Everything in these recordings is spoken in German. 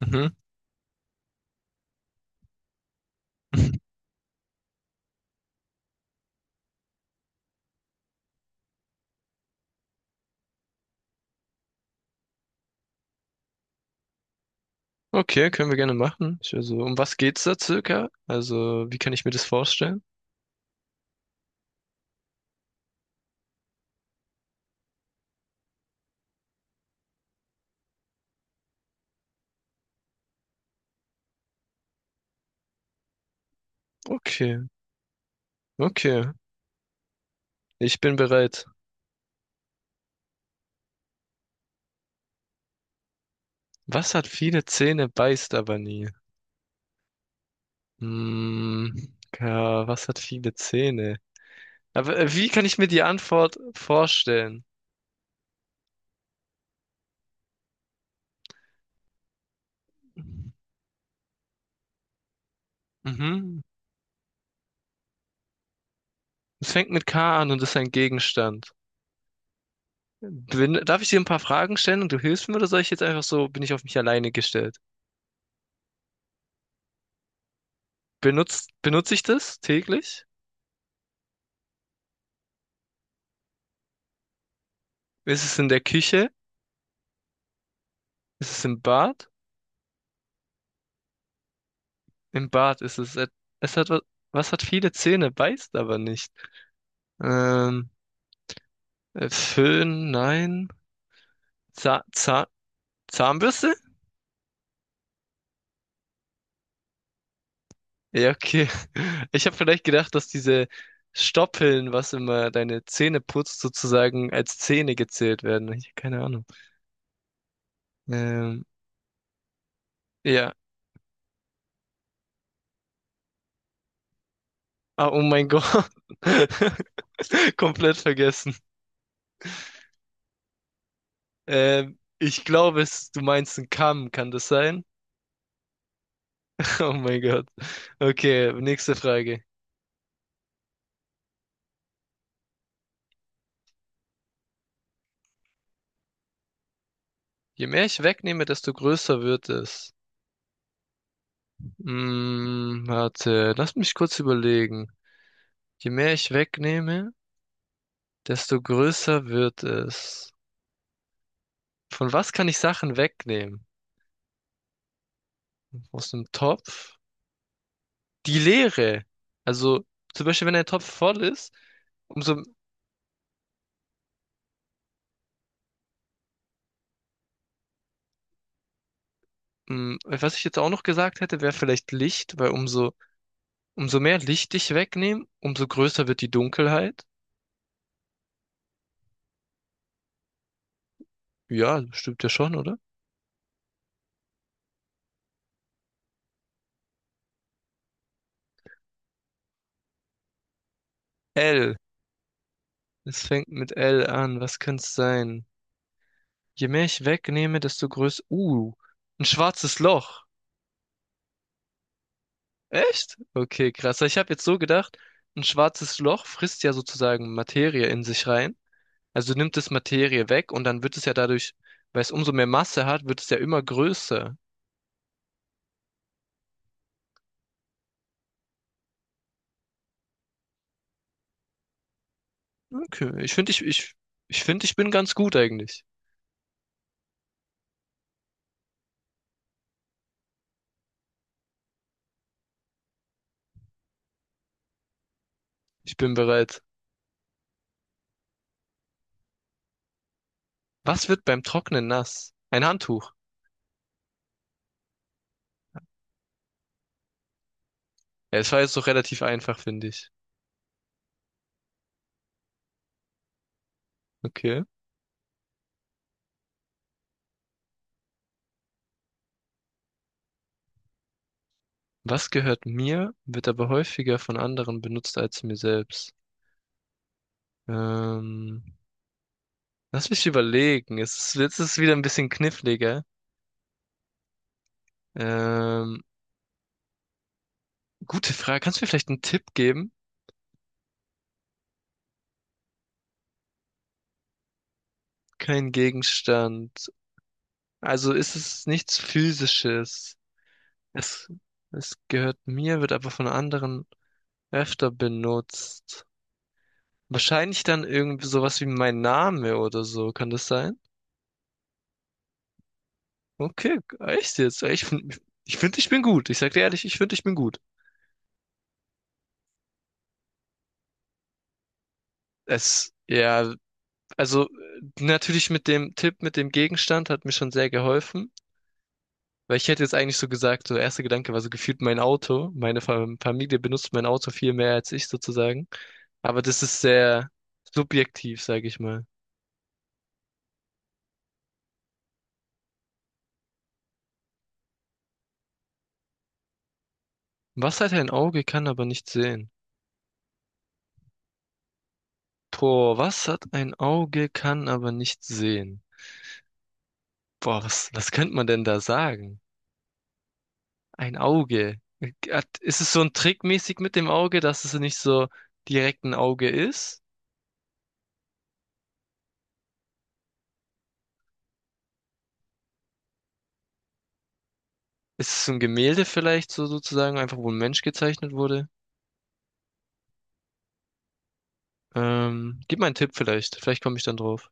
Mhm. Okay, können wir gerne machen. Um was geht's da circa? Also, wie kann ich mir das vorstellen? Okay, okay. Ich bin bereit. Was hat viele Zähne, beißt aber nie? Hm, ja, was hat viele Zähne? Aber wie kann ich mir die Antwort vorstellen? Mhm. Es fängt mit K an und ist ein Gegenstand. Darf ich dir ein paar Fragen stellen und du hilfst mir oder soll ich jetzt einfach so, bin ich auf mich alleine gestellt? Benutze ich das täglich? Ist es in der Küche? Ist es im Bart? Im Bart ist es. Es hat was hat viele Zähne, beißt aber nicht. Ähm, Föhn, nein. Zahn, Zahn, Zahnbürste? Ja, okay. Ich habe vielleicht gedacht, dass diese Stoppeln, was immer deine Zähne putzt, sozusagen als Zähne gezählt werden. Ich hab keine Ahnung. Ähm, ja. Ah, oh mein Gott. Komplett vergessen. Ich glaube, du meinst einen Kamm, kann das sein? Oh mein Gott. Okay, nächste Frage. Je mehr ich wegnehme, desto größer wird es. Hm, warte, lass mich kurz überlegen. Je mehr ich wegnehme, desto größer wird es. Von was kann ich Sachen wegnehmen? Aus dem Topf? Die Leere. Also, zum Beispiel, wenn ein Topf voll ist, umso, hm, was ich jetzt auch noch gesagt hätte, wäre vielleicht Licht, weil umso mehr Licht ich wegnehme, umso größer wird die Dunkelheit. Ja, stimmt ja schon, oder? L. Es fängt mit L an. Was könnte sein? Je mehr ich wegnehme, desto größer. Ein schwarzes Loch. Echt? Okay, krass. Ich habe jetzt so gedacht, ein schwarzes Loch frisst ja sozusagen Materie in sich rein. Also nimmt es Materie weg und dann wird es ja dadurch, weil es umso mehr Masse hat, wird es ja immer größer. Okay, ich finde, ich finde, ich bin ganz gut eigentlich. Ich bin bereit. Was wird beim Trocknen nass? Ein Handtuch. Ja, es war jetzt doch relativ einfach, finde ich. Okay. Was gehört mir, wird aber häufiger von anderen benutzt als mir selbst. Ähm, lass mich überlegen. Es ist, jetzt ist es wieder ein bisschen kniffliger. Ähm, gute Frage. Kannst du mir vielleicht einen Tipp geben? Kein Gegenstand. Also ist es nichts Physisches. Es, es gehört mir, wird aber von anderen öfter benutzt. Wahrscheinlich dann irgendwie sowas wie mein Name oder so. Kann das sein? Okay, echt jetzt? Ich finde, ich bin gut. Ich sag dir ehrlich, ich finde, ich bin gut. Es, ja, also natürlich mit dem Tipp, mit dem Gegenstand hat mir schon sehr geholfen, weil ich hätte jetzt eigentlich so gesagt, so erster Gedanke war so gefühlt mein Auto. Meine Familie benutzt mein Auto viel mehr als ich sozusagen. Aber das ist sehr subjektiv, sage ich mal. Was hat ein Auge, kann aber nicht sehen? Boah, was hat ein Auge, kann aber nicht sehen? Boah, was könnte man denn da sagen? Ein Auge. Ist es so ein Trickmäßig mit dem Auge, dass es nicht so direkt ein Auge ist? Ist es ein Gemälde vielleicht so sozusagen, einfach wo ein Mensch gezeichnet wurde? Gib mal einen Tipp vielleicht. Vielleicht komme ich dann drauf.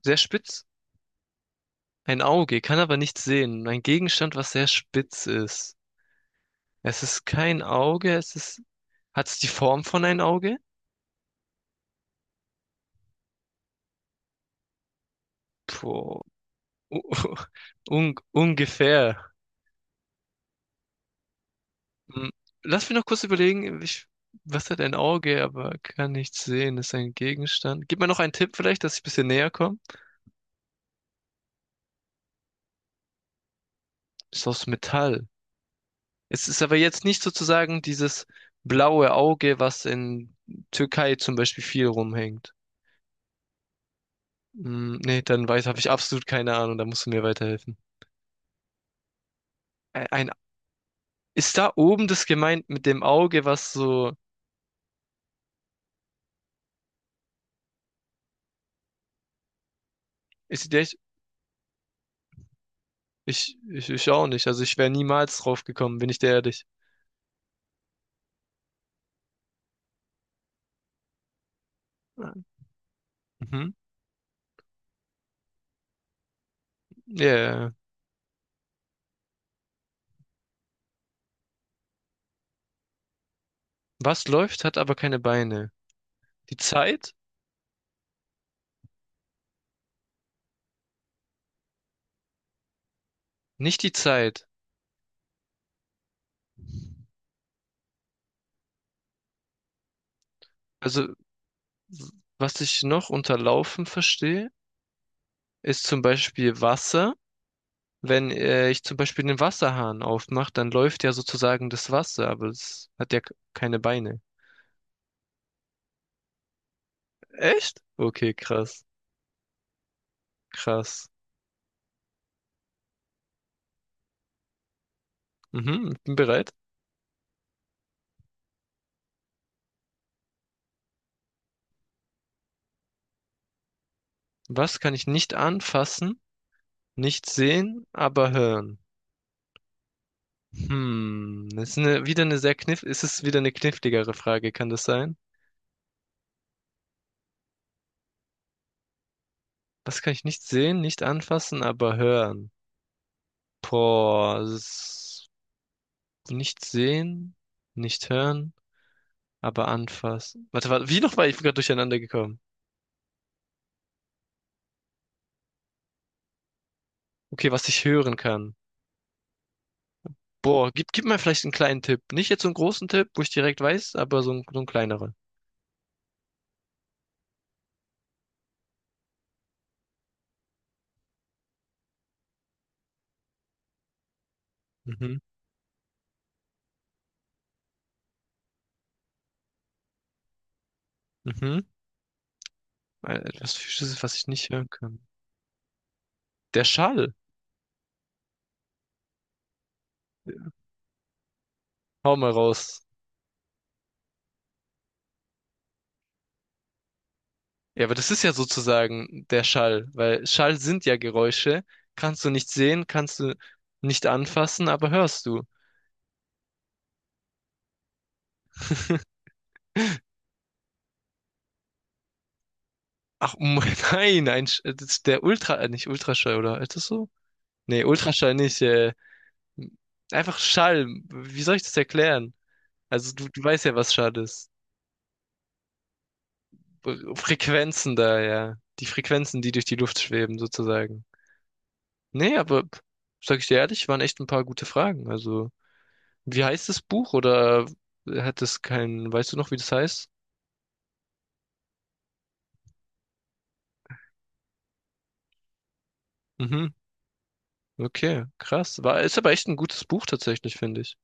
Sehr spitz? Ein Auge, kann aber nichts sehen. Ein Gegenstand, was sehr spitz ist. Es ist kein Auge, es ist. Hat es die Form von einem Auge? Puh. Un ungefähr. Hm, lass mich noch kurz überlegen, was hat ein Auge, aber kann nichts sehen, ist ein Gegenstand. Gib mir noch einen Tipp vielleicht, dass ich ein bisschen näher komme. Ist aus Metall. Es ist aber jetzt nicht sozusagen dieses blaue Auge, was in Türkei zum Beispiel viel rumhängt. Hm, nee, habe ich absolut keine Ahnung, da musst du mir weiterhelfen. Ein, ist da oben das gemeint mit dem Auge, was so, ist echt, ich auch nicht, also ich wäre niemals drauf gekommen, bin ich dir ehrlich. Mhm. Ja, yeah. Was läuft, hat aber keine Beine. Die Zeit? Nicht die Zeit. Also, was ich noch unter Laufen verstehe, ist zum Beispiel Wasser. Wenn ich zum Beispiel den Wasserhahn aufmache, dann läuft ja sozusagen das Wasser, aber es hat ja keine Beine. Echt? Okay, krass. Mhm, ich bin bereit. Was kann ich nicht anfassen, nicht sehen, aber hören? Hm, das ist eine, wieder eine ist es wieder eine kniffligere Frage, kann das sein? Was kann ich nicht sehen, nicht anfassen, aber hören? Boah, das ist nicht sehen, nicht hören, aber anfassen. Warte, wie noch war ich gerade durcheinander gekommen? Okay, was ich hören kann. Boah, gib mir vielleicht einen kleinen Tipp. Nicht jetzt so einen großen Tipp, wo ich direkt weiß, aber so ein kleineren. Mhm. Mhm. Etwas Physisches, was ich nicht hören kann. Der Schall. Hau mal raus. Ja, aber das ist ja sozusagen der Schall, weil Schall sind ja Geräusche. Kannst du nicht sehen, kannst du nicht anfassen, aber hörst du. Ach, nein, das ist der nicht Ultraschall, oder? Ist das so? Nee, Ultraschall nicht. Einfach Schall. Wie soll ich das erklären? Also du weißt ja, was schade ist. Frequenzen da, ja. Die Frequenzen, die durch die Luft schweben, sozusagen. Nee, aber sag ich dir ehrlich, waren echt ein paar gute Fragen. Also, wie heißt das Buch oder hat es keinen, weißt du noch, wie das heißt? Mhm. Okay, krass. Ist aber echt ein gutes Buch tatsächlich, finde ich.